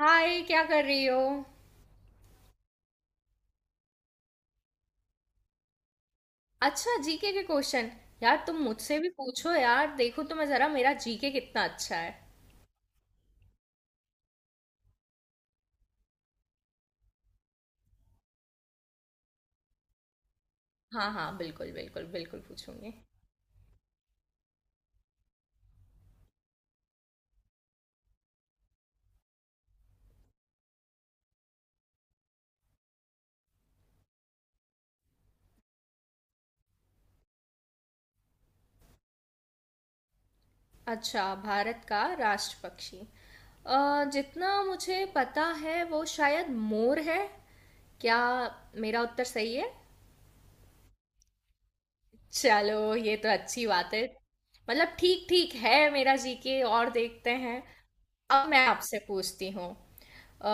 हाय, क्या कर रही हो। अच्छा, जीके के क्वेश्चन। यार, तुम मुझसे भी पूछो यार, देखो तुम्हें जरा मेरा जीके कितना अच्छा है। हाँ हाँ, बिल्कुल बिल्कुल बिल्कुल पूछूंगी। अच्छा, भारत का राष्ट्र पक्षी। जितना मुझे पता है वो शायद मोर है। क्या मेरा उत्तर सही है? चलो, ये तो अच्छी बात है। मतलब ठीक ठीक है मेरा जीके, और देखते हैं। अब मैं आपसे पूछती हूँ। अ,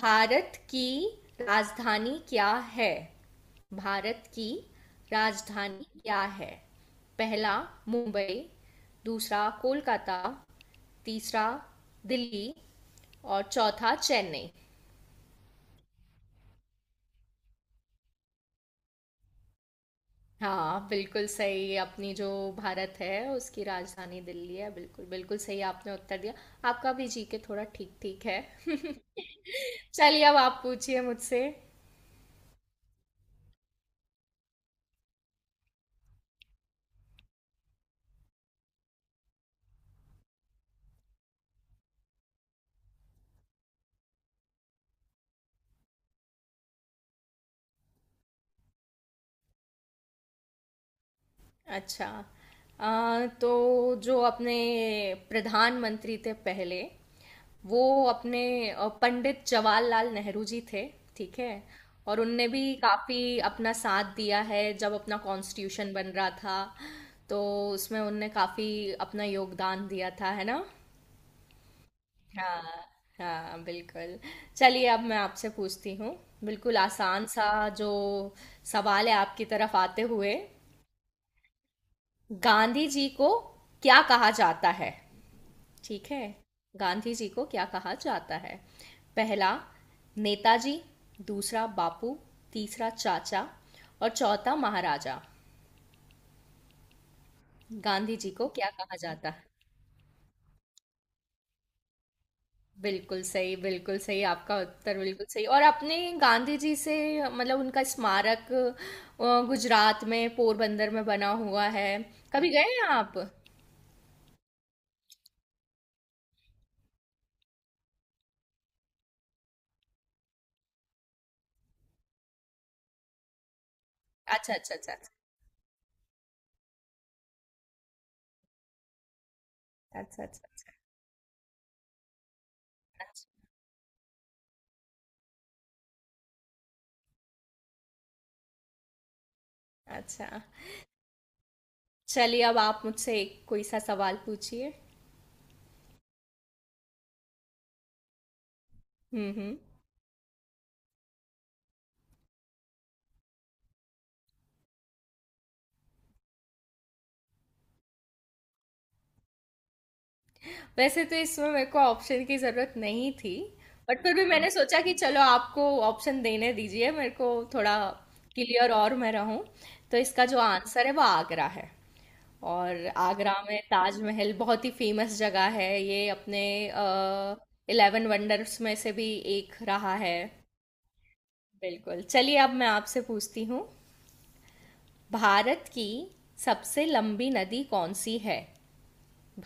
भारत की राजधानी क्या है? भारत की राजधानी क्या है? पहला मुंबई, दूसरा कोलकाता, तीसरा दिल्ली, और चौथा चेन्नई। हाँ, बिल्कुल सही। अपनी जो भारत है उसकी राजधानी दिल्ली है। बिल्कुल बिल्कुल सही आपने उत्तर दिया। आपका भी जीके थोड़ा ठीक ठीक है। चलिए, अब आप पूछिए मुझसे। अच्छा, तो जो अपने प्रधानमंत्री थे पहले, वो अपने पंडित जवाहरलाल नेहरू जी थे। ठीक है, और उनने भी काफ़ी अपना साथ दिया है जब अपना कॉन्स्टिट्यूशन बन रहा था, तो उसमें उनने काफ़ी अपना योगदान दिया था, है ना? हाँ हाँ बिल्कुल। चलिए, अब मैं आपसे पूछती हूँ बिल्कुल आसान सा जो सवाल है आपकी तरफ आते हुए। गांधी जी को क्या कहा जाता है? ठीक है, गांधी जी को क्या कहा जाता है? पहला नेताजी, दूसरा बापू, तीसरा चाचा, और चौथा महाराजा। गांधी जी को क्या कहा जाता है? बिल्कुल सही, बिल्कुल सही, आपका उत्तर बिल्कुल सही। और आपने गांधी जी से, मतलब उनका स्मारक गुजरात में पोरबंदर में बना हुआ है। कभी गए हैं आप? अच्छा अच्छा अच्छा अच्छा अच्छा अच्छा अच्छा अच्छा। चलिए, अब आप मुझसे एक कोई सा सवाल पूछिए। हुँ, हुँ। वैसे तो इसमें मेरे को ऑप्शन की ज़रूरत नहीं थी, बट फिर भी मैंने हुँ। सोचा कि चलो आपको ऑप्शन देने दीजिए, मेरे को थोड़ा क्लियर और मैं रहूँ। तो इसका जो आंसर है वो आगरा है। और आगरा में ताजमहल बहुत ही फेमस जगह है। ये अपने अ, 11 वंडर्स में से भी एक रहा है। बिल्कुल। चलिए, अब मैं आपसे पूछती हूँ, भारत की सबसे लंबी नदी कौन सी है?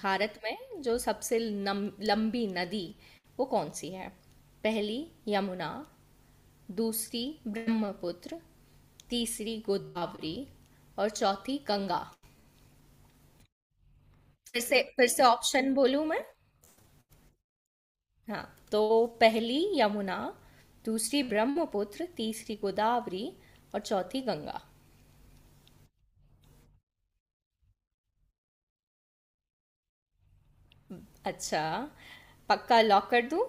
भारत में जो सबसे लंबी नदी वो कौन सी है? पहली यमुना, दूसरी ब्रह्मपुत्र, तीसरी गोदावरी, और चौथी गंगा। फिर से ऑप्शन बोलूं मैं? हाँ, तो पहली यमुना, दूसरी ब्रह्मपुत्र, तीसरी गोदावरी, और चौथी गंगा। अच्छा, पक्का लॉक कर दूं?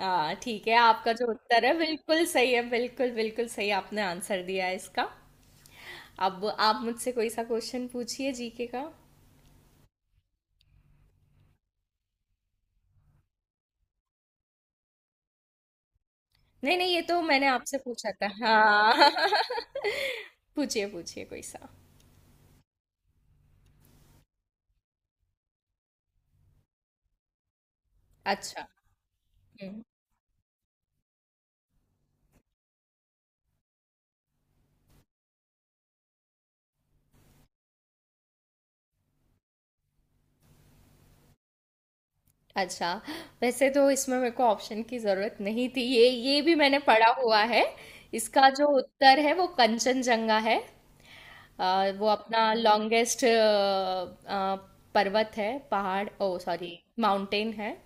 ठीक है, आपका जो उत्तर है बिल्कुल सही है। बिल्कुल बिल्कुल सही आपने आंसर दिया है इसका। अब आप मुझसे कोई सा क्वेश्चन पूछिए जीके का। नहीं नहीं, ये तो मैंने आपसे पूछा था, हाँ। पूछिए पूछिए कोई सा। अच्छा। हम्म। अच्छा, वैसे तो इसमें मेरे को ऑप्शन की जरूरत नहीं थी, ये भी मैंने पढ़ा हुआ है। इसका जो उत्तर है वो कंचनजंगा है। वो अपना लॉन्गेस्ट पर्वत है, पहाड़, ओ सॉरी, माउंटेन है।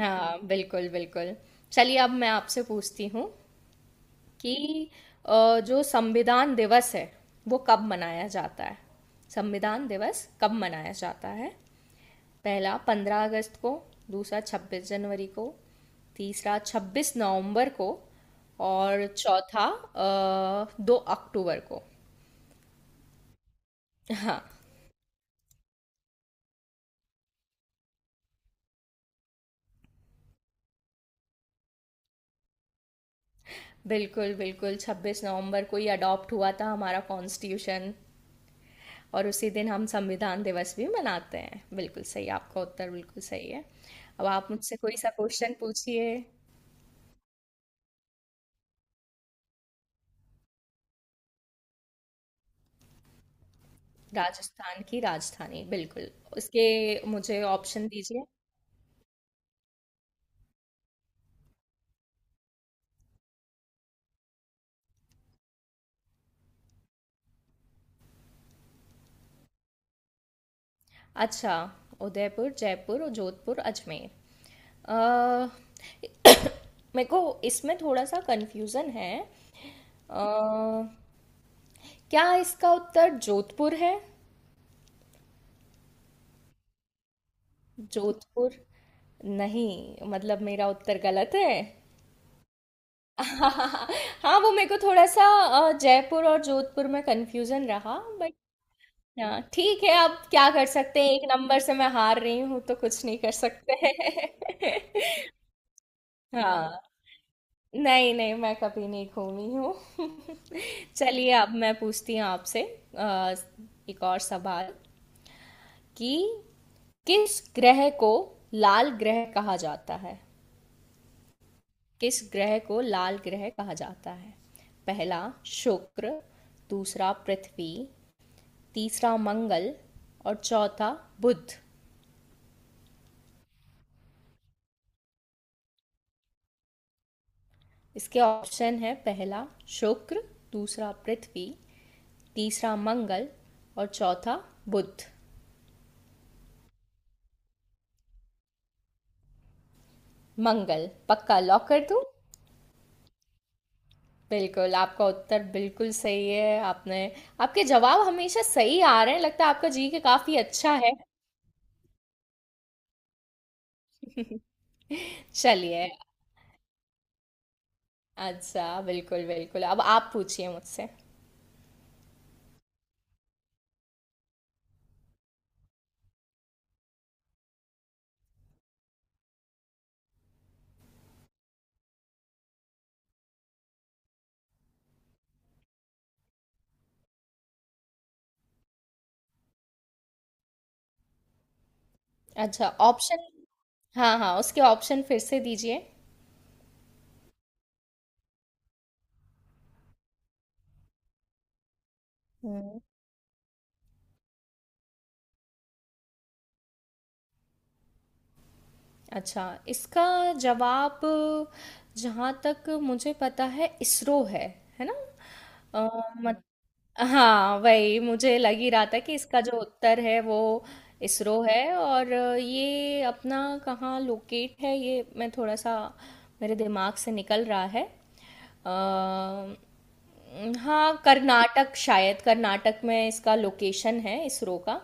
हाँ बिल्कुल बिल्कुल। चलिए, अब मैं आपसे पूछती हूँ कि जो संविधान दिवस है वो कब मनाया जाता है? संविधान दिवस कब मनाया जाता है? पहला पंद्रह अगस्त को, दूसरा छब्बीस जनवरी को, तीसरा छब्बीस नवंबर को, और चौथा दो अक्टूबर को। हाँ बिल्कुल बिल्कुल, छब्बीस नवंबर को ही अडॉप्ट हुआ था हमारा कॉन्स्टिट्यूशन, और उसी दिन हम संविधान दिवस भी मनाते हैं। बिल्कुल सही, आपका उत्तर बिल्कुल सही है। अब आप मुझसे कोई सा क्वेश्चन पूछिए। राजस्थान की राजधानी, बिल्कुल। उसके मुझे ऑप्शन दीजिए। अच्छा, उदयपुर जयपुर और जोधपुर अजमेर। अ, मेरे को इसमें थोड़ा सा कंफ्यूजन है। अ, क्या इसका उत्तर जोधपुर है? जोधपुर नहीं, मतलब मेरा उत्तर गलत है। हाँ, वो मेरे को थोड़ा सा जयपुर और जोधपुर में कंफ्यूजन रहा, बट हाँ ठीक है। अब क्या कर सकते हैं, एक नंबर से मैं हार रही हूँ, तो कुछ नहीं कर सकते हैं। हाँ, नहीं नहीं, मैं कभी नहीं घूमी हूँ। चलिए, अब मैं पूछती हूँ आपसे अ, एक और सवाल कि किस ग्रह को लाल ग्रह कहा जाता है? किस ग्रह को लाल ग्रह कहा जाता है? पहला शुक्र, दूसरा पृथ्वी, तीसरा मंगल, और चौथा बुध। इसके ऑप्शन है, पहला शुक्र, दूसरा पृथ्वी, तीसरा मंगल, और चौथा बुध। मंगल, पक्का लॉक कर दूं? बिल्कुल, आपका उत्तर बिल्कुल सही है। आपने, आपके जवाब हमेशा सही आ रहे हैं, लगता है आपका जी के काफी अच्छा है। चलिए। अच्छा बिल्कुल बिल्कुल, अब आप पूछिए मुझसे। अच्छा ऑप्शन, हाँ हाँ, उसके ऑप्शन फिर से दीजिए। अच्छा, इसका जवाब जहाँ तक मुझे पता है इसरो है ना? अ, मत हाँ, वही मुझे लग ही रहा था कि इसका जो उत्तर है वो इसरो है। और ये अपना कहाँ लोकेट है, ये मैं थोड़ा सा, मेरे दिमाग से निकल रहा है। अ, हाँ, कर्नाटक, शायद कर्नाटक में इसका लोकेशन है, इसरो का।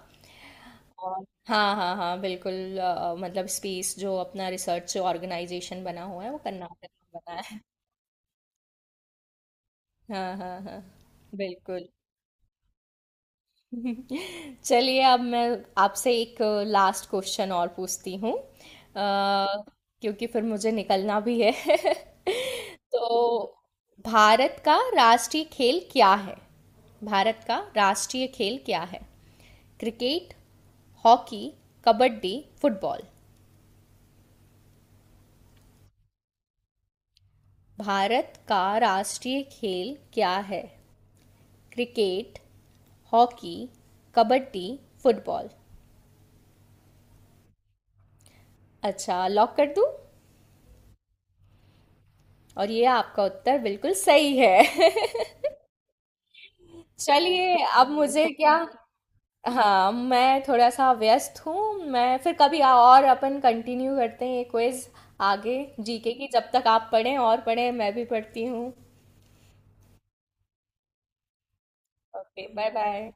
और हाँ हाँ हाँ बिल्कुल, मतलब स्पेस जो अपना रिसर्च ऑर्गेनाइजेशन बना हुआ है वो कर्नाटक में बना है। हाँ हाँ हाँ बिल्कुल। चलिए, अब मैं आपसे एक लास्ट क्वेश्चन और पूछती हूँ, क्योंकि फिर मुझे निकलना भी है। तो भारत का राष्ट्रीय खेल क्या है? भारत का राष्ट्रीय खेल क्या है? Cricket, hockey, kabaddi, football. Bharat का राष्ट्रीय खेल क्या है? Cricket, hockey, kabaddi, football. अच्छा, लॉक कर दूं? और ये आपका उत्तर बिल्कुल सही है। चलिए, अब मुझे क्या, हाँ, मैं थोड़ा सा व्यस्त हूँ। मैं फिर कभी और अपन कंटिन्यू करते हैं ये क्विज आगे, जीके की। जब तक आप पढ़ें और पढ़ें, मैं भी पढ़ती हूँ। Okay, bye bye.